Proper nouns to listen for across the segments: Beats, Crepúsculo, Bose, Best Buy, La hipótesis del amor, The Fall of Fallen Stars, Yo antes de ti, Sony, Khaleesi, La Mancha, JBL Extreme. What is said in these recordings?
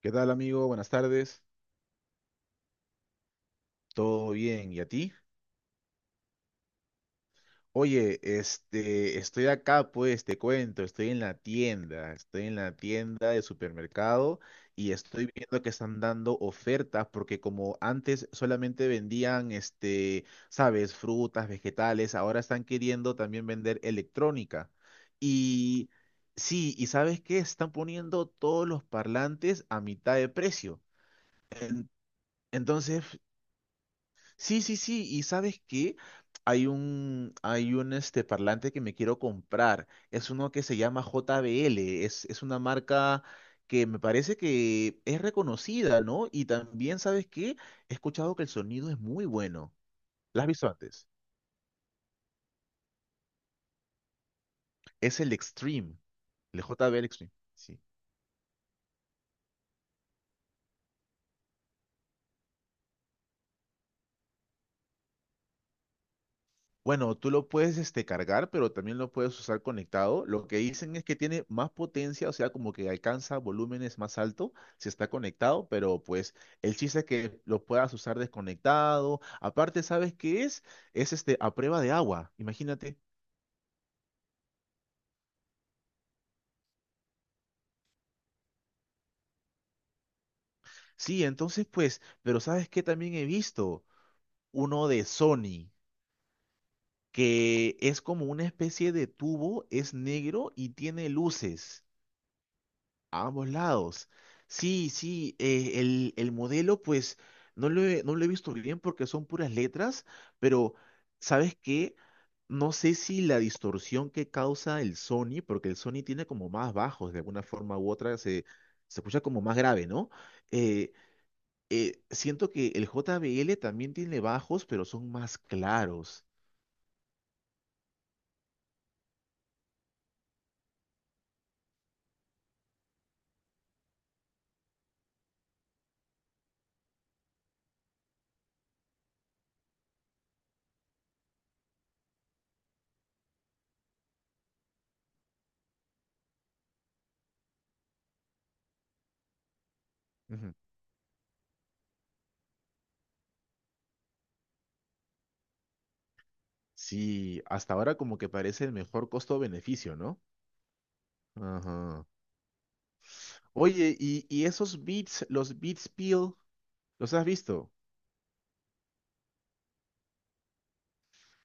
¿Qué tal, amigo? Buenas tardes. ¿Todo bien? ¿Y a ti? Oye, este, estoy acá, pues, te cuento, estoy en la tienda, de supermercado y estoy viendo que están dando ofertas porque como antes solamente vendían, este, sabes, frutas, vegetales, ahora están queriendo también vender electrónica. Y sí, ¿y sabes qué? Están poniendo todos los parlantes a mitad de precio. En- Entonces, sí, sí, sí, y ¿sabes qué? Hay un este parlante que me quiero comprar. Es uno que se llama JBL. Es una marca que me parece que es reconocida, ¿no? Y también, ¿sabes qué? He escuchado que el sonido es muy bueno. ¿La has visto antes? Es el Extreme, el JBL Extreme. Sí. Bueno, tú lo puedes este, cargar, pero también lo puedes usar conectado. Lo que dicen es que tiene más potencia, o sea, como que alcanza volúmenes más altos si está conectado, pero pues el chiste es que lo puedas usar desconectado. Aparte, ¿sabes qué es? Es este a prueba de agua, imagínate. Sí, entonces pues, pero ¿sabes qué también he visto? Uno de Sony, que es como una especie de tubo, es negro y tiene luces. A ambos lados. Sí, sí, el modelo pues no lo he visto bien porque son puras letras, pero ¿sabes qué? No sé si la distorsión que causa el Sony, porque el Sony tiene como más bajos de alguna forma u otra, se escucha como más grave, ¿no? Eh, siento que el JBL también tiene bajos, pero son más claros. Ujú. Sí, hasta ahora como que parece el mejor costo-beneficio, ¿no? Ajá. Oye, y esos beats, los beats peel, ¿los has visto?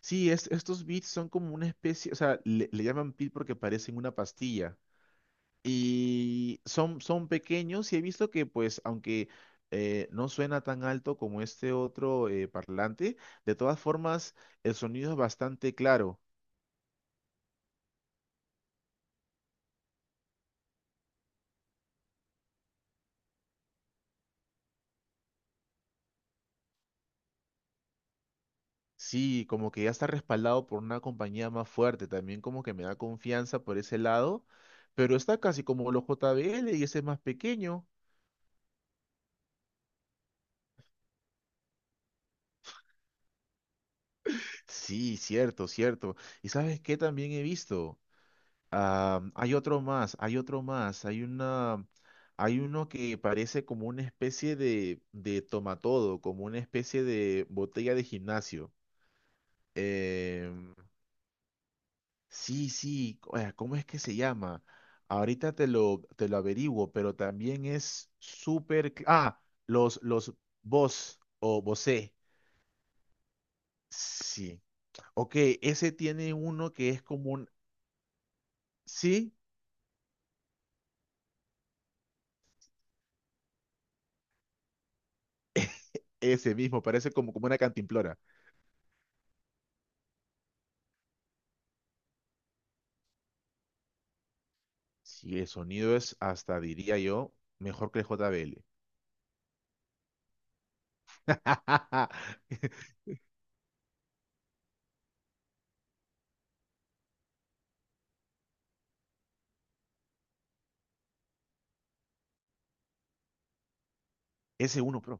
Sí, estos beats son como una especie, o sea, le llaman peel porque parecen una pastilla. Y son, son pequeños y he visto que, pues, aunque no suena tan alto como este otro parlante, de todas formas, el sonido es bastante claro. Sí, como que ya está respaldado por una compañía más fuerte, también como que me da confianza por ese lado, pero está casi como los JBL y ese es más pequeño. Sí, cierto, cierto. ¿Y sabes qué también he visto? Ah, hay otro más, hay una, hay uno que parece como una especie de tomatodo, como una especie de botella de gimnasio. Em, sí, sí, ¿cómo es que se llama? Ahorita te lo averiguo, pero también es súper... Ah, los Bose o Bose. Sí. Ok, ese tiene uno que es como un... Sí. Ese mismo, parece como, como una cantimplora. Si el sonido es hasta, diría yo, mejor que el JBL. S uno Pro.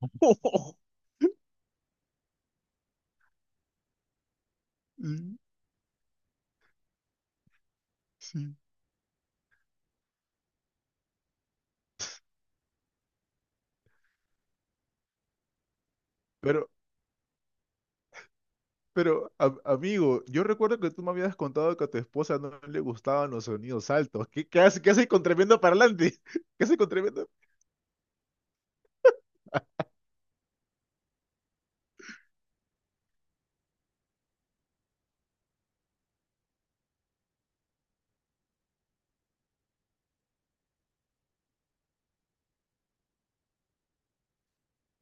Sí, sí. Pero, pero, amigo, yo recuerdo que tú me habías contado que a tu esposa no le gustaban los sonidos altos. ¿Qué hace con tremendo parlante? ¿Qué hace con tremendo?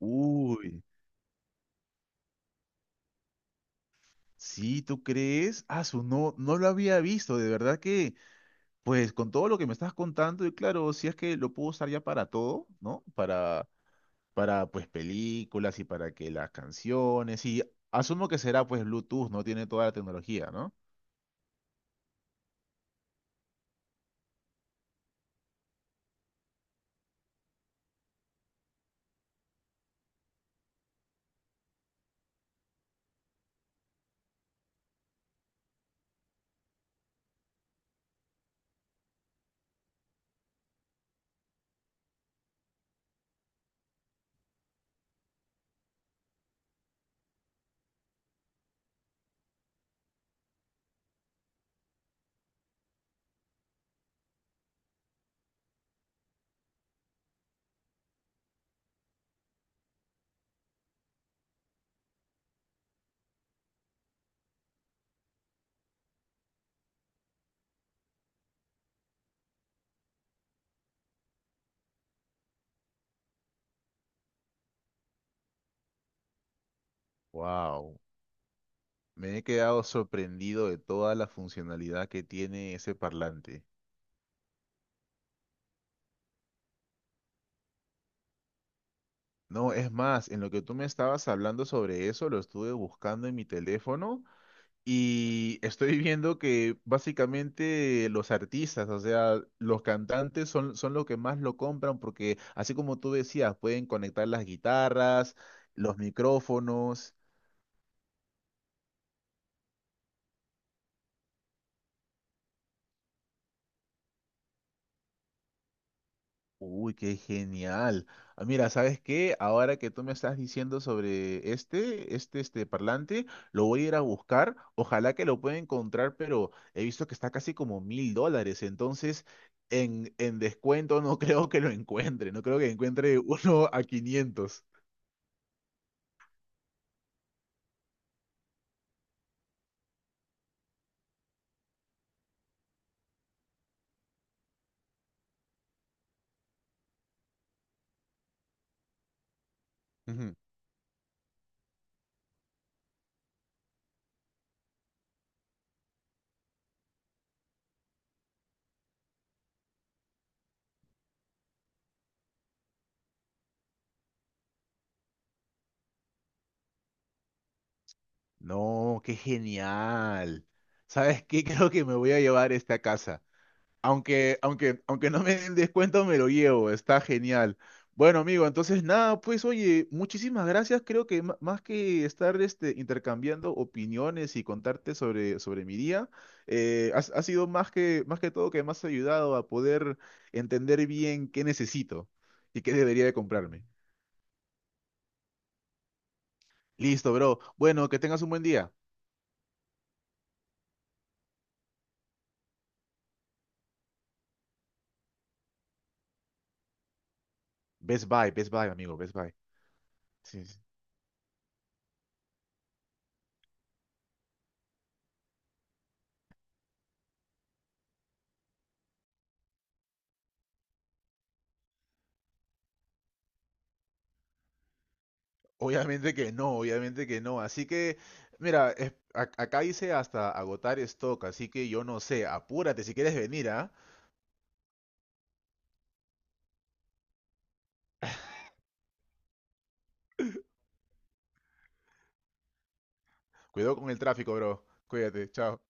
Uy, sí, ¿tú crees? No, no lo había visto. De verdad que, pues, con todo lo que me estás contando, y claro, si es que lo puedo usar ya para todo, ¿no? Para pues películas y para que las canciones y asumo que será pues Bluetooth, no tiene toda la tecnología, ¿no? Wow, me he quedado sorprendido de toda la funcionalidad que tiene ese parlante. No, es más, en lo que tú me estabas hablando sobre eso, lo estuve buscando en mi teléfono y estoy viendo que básicamente los artistas, o sea, los cantantes son los que más lo compran porque así como tú decías, pueden conectar las guitarras, los micrófonos. Uy, qué genial. Ah, mira, ¿sabes qué? Ahora que tú me estás diciendo sobre este, este parlante, lo voy a ir a buscar. Ojalá que lo pueda encontrar, pero he visto que está casi como $1000. Entonces, en descuento no creo que lo encuentre. No creo que encuentre uno a 500. Ujú. No, qué genial. ¿Sabes qué? Creo que me voy a llevar este a casa. Aunque no me den descuento, me lo llevo, está genial. Bueno, amigo, entonces nada, pues oye, muchísimas gracias. Creo que más que estar este, intercambiando opiniones y contarte sobre, sobre mi día, sido más que todo que me has ayudado a poder entender bien qué necesito y qué debería de comprarme. Listo, bro. Bueno, que tengas un buen día. Best Buy, Best Buy amigo, Best Buy. Sí, sí. Sí. Obviamente que no, obviamente que no. Así que, mira, acá dice hasta agotar stock, así que yo no sé, apúrate si quieres venir, ¿ah? Cuidado con el tráfico, bro. Cuídate, chao.